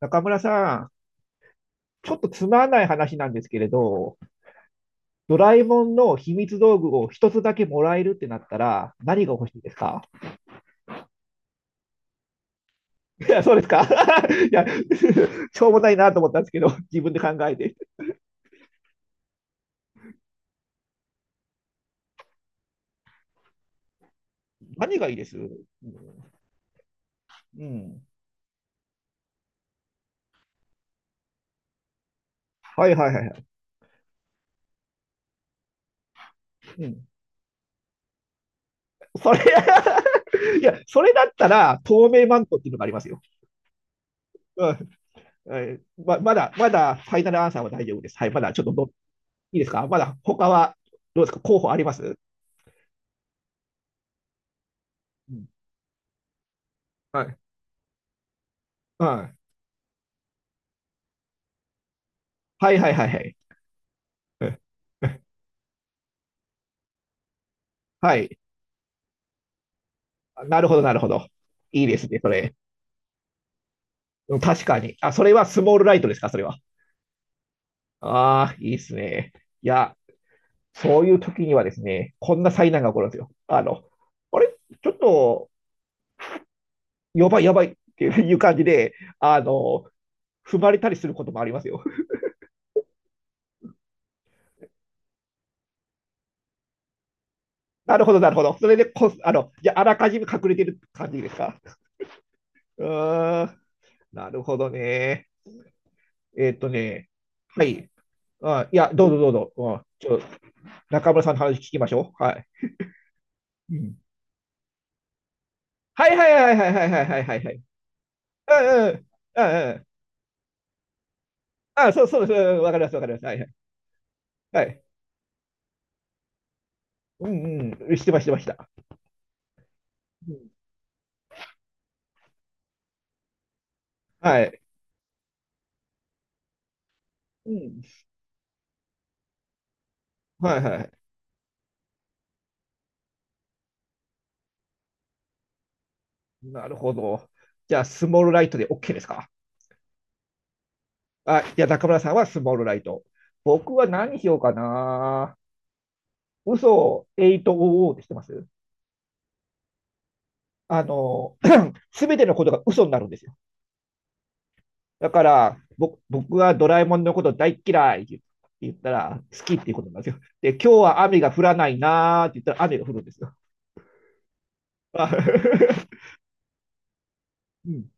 中村さん、ちょっとつまんない話なんですけれど、ドラえもんの秘密道具を一つだけもらえるってなったら、何が欲しいですか？いや、そうですか？ いや、しょうもないなと思ったんですけど、自分で考えて。何がいいです？うん。はいはいはいはい。うん、それ いや、それだったら、透明マントっていうのがありますよ。うん。え、ま、まだ、まだ、ファイナルアンサーは大丈夫です。はい、まだちょっとど、いいですか？まだ、他は、どうですか？候補あります？うん。はい。はい。はいはいはいはい。うん。うん。はい。なるほど、なるほど。いいですね、それ。うん、確かに。あ、それはスモールライトですか、それは。ああ、いいですね。いや、そういう時にはですね、こんな災難が起こるんですよ。あれ、ちょっと、やばい、やばいっていう感じで、あの、踏まれたりすることもありますよ。なるほど、なるほど。それでこ、じゃあ、あらかじめ隠れてる感じですか。うーん、なるほどね。えっとね、はい。あ、いや、どうぞどうぞ。あ、ちょ、中村さんの話聞きましょう。はい。うん。はいはいはいはいはいはいはいはいはい。うんうん。うんうん。あ、そうそうそう。わかりますわかります。はいはい。はい。うんうん。してました、してました。うん。はい。うん。はいはい。なるほど。じゃあ、スモールライトで OK ですか？あ、じゃあ中村さんはスモールライト。僕は何しようかな。嘘を8 o o ってしてます？あの、すべてのことが嘘になるんですよ。だから、僕はドラえもんのこと大嫌いって言ったら、好きっていうことなんですよ。で、今日は雨が降らないなーって言ったら雨が降るんですよ。うん、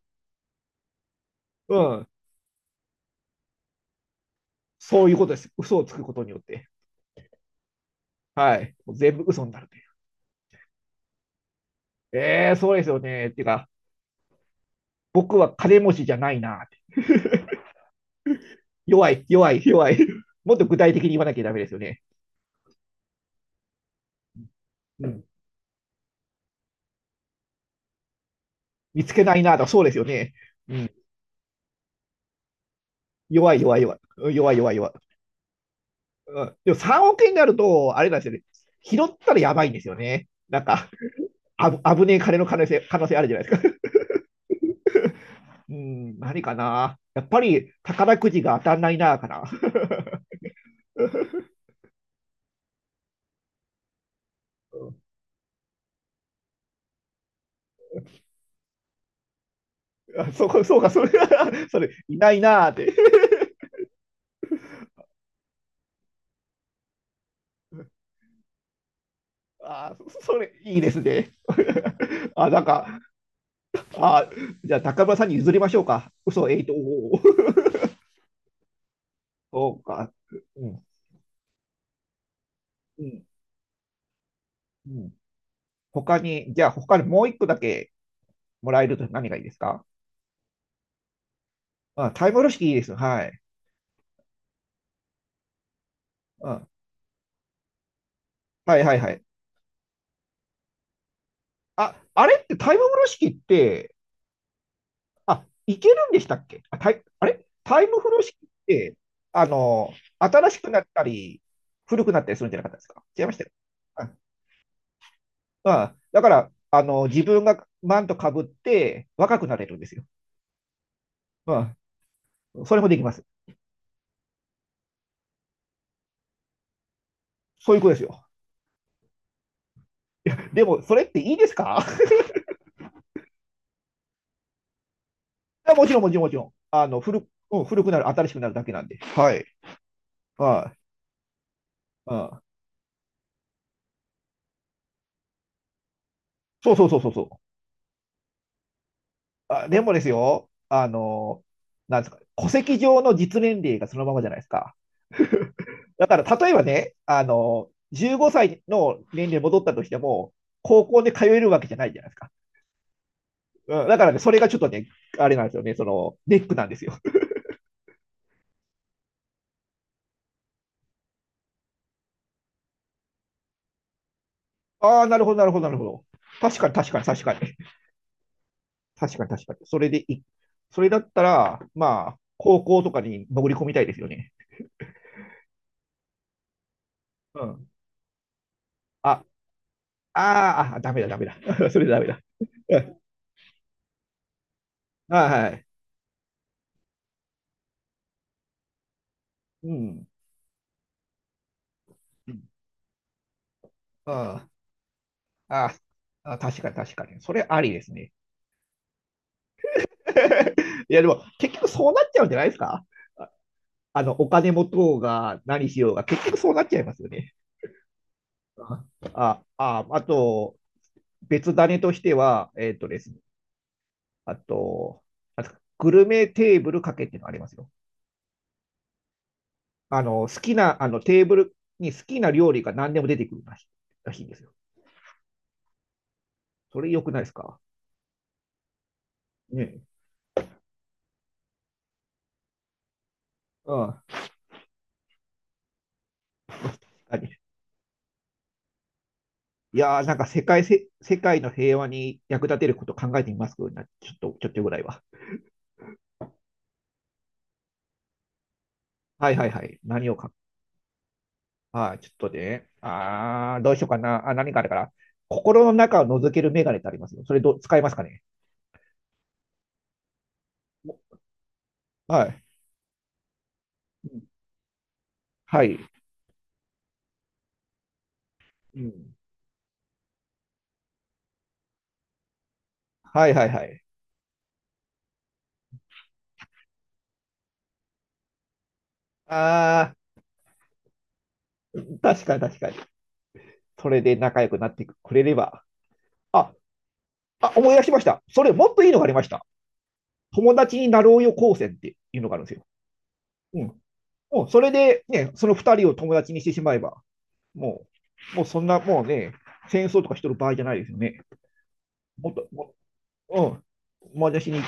うん、そういうことです。嘘をつくことによって。はい。もう全部嘘になるって。そうですよね。っていうか、僕は金持ちじゃないなーって。弱い、弱い、弱い。もっと具体的に言わなきゃダメですよね。うん、見つけないなーと、そうですよね。うん、弱い、弱い、弱い。うん、弱い、弱い、弱い、弱い、弱い、弱い。うん、でも3億円になると、あれなんですよね。拾ったらやばいんですよね。なんか、あぶ、危ねえ金の可能性あるじゃないですか。うん、何かな。やっぱり宝くじが当たんないな、かな。あ、そうか、そうか、それ それ、いないなーって。あ、それ、いいですね。あ、なんか、あ、じゃあ、高村さんに譲りましょうか。嘘、えいと、おー、そうか。うん、うん、うん。他に、じゃあ、他にもう一個だけもらえると何がいいですか？まあ、タイムロ式いいです。はい。うん、はいはいはい。あ、あれってタイム風呂敷って、あ、いけるんでしたっけ？あ、タイ、あれタイム風呂敷って、あの、新しくなったり、古くなったりするんじゃなかったですか？違いましたよ。あ、まあ、だから、自分がマントかぶって若くなれるんですよ。まあ、それもできます。そういうことですよ。でも、それっていいですか？ あ、もちろん、もちろん、もちろん。古く、うん、古くなる、新しくなるだけなんで。はい。ああ、ああ、そうそうそうそうそう。あ、でもですよ、あの、なんですか、戸籍上の実年齢がそのままじゃないですか。だから、例えばね、あの、15歳の年齢に戻ったとしても、高校で通えるわけじゃないじゃないですか。うん、だからね、それがちょっとね、あれなんですよね、その、ネックなんですよ。ああ、なるほど、なるほど、なるほど。確かに、確かに、確かに。確かに、確かに。それでい、それだったら、まあ、高校とかに潜り込みたいですよね。うん。あ、あーあ、ダメだ、ダメだ。それダメだ。うん。あー、はい。うん。うん、ああ、あ、確かに、確かに。それありですね。いや、でも結局そうなっちゃうんじゃないですか？あ、お金持とうが何しようが結局そうなっちゃいますよね。あ、あ、ああと、別種としては、えっとですね、あと、あと、グルメテーブルかけっていうのがありますよ。好きな、テーブルに好きな料理が何でも出てくるらしいんですよ。それ良くないですか？ね。うん。確かに。いやー、なんか世界せ、世界の平和に役立てること考えてみますな、ちょっと、ちょっとぐらいは。はいはいはい。何をか、はい、ちょっとね。あー、どうしようかな。あ、何かあるから。心の中を覗けるメガネってありますよ。それどう、使いますかね。はい。うん。はい。うん。はいはいはい。あー、確かに、確かに。それで仲良くなってくれれば。あ、あ、思い出しました。それもっといいのがありました。友達になろうよ高専っていうのがあるんですよ。うん。もうそれでね、その二人を友達にしてしまえば。もう、もうそんな、もうね、戦争とかしてる場合じゃないですよね。もっと、もうん、まだしに、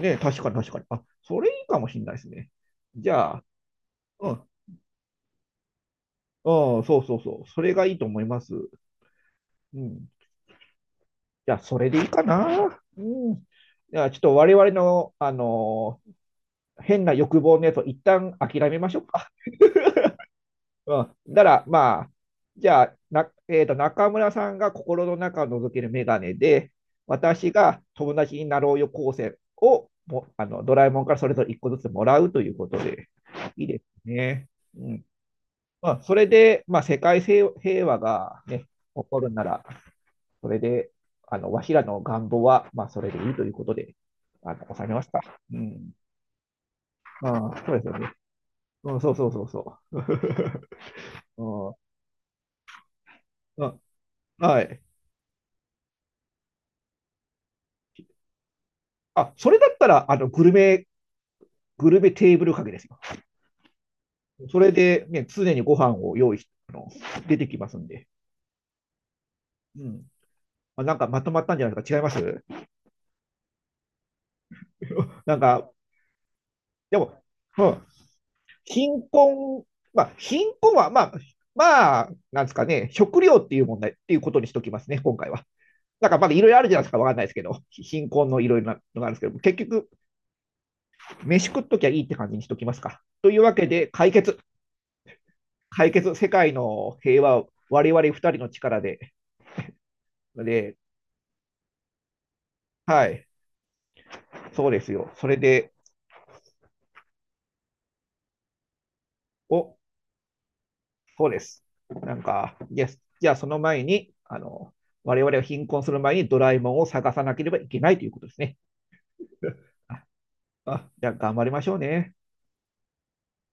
ね、確かに、確かに。あ、それいいかもしれないですね。じゃあ、うん、うん、そうそうそう、それがいいと思います。うん。じゃあ、それでいいかな。うん。じゃあ、ちょっと我々の、変な欲望のやつを一旦諦めましょうか。うん。だから、まあ、じゃあ、な、えっと、中村さんが心の中を覗けるメガネで、私が友達になろうよ構成をも、ドラえもんからそれぞれ1個ずつもらうということで、いいですね。うん。まあ、それで、まあ、世界平和がね、起こるなら、それで、わしらの願望は、まあ、それでいいということで、収めました。うん。まあ、そうですよね。うん、そうそうそうそう。うん、うん、はい。あ、それだったら、グルメテーブルかけですよ。それで、ね、常にご飯を用意し、あの、出てきますんで。うん。まあ、なんかまとまったんじゃないですか？違います？なんか、でも、うん。貧困、まあ、貧困は、まあ、まあ、なんですかね、食料っていう問題っていうことにしときますね、今回は。なんかまだいろいろあるじゃないですか、わかんないですけど、貧困のいろいろなのがあるんですけど、結局、飯食っときゃいいって感じにしときますか。というわけで、解決、解決、世界の平和を我々二人の力で、で、はい、そうですよ。それで、お、そうです。なんか、イエス。じゃあその前に、我々が貧困する前にドラえもんを探さなければいけないということですね。あ、じゃあ頑張りましょうね。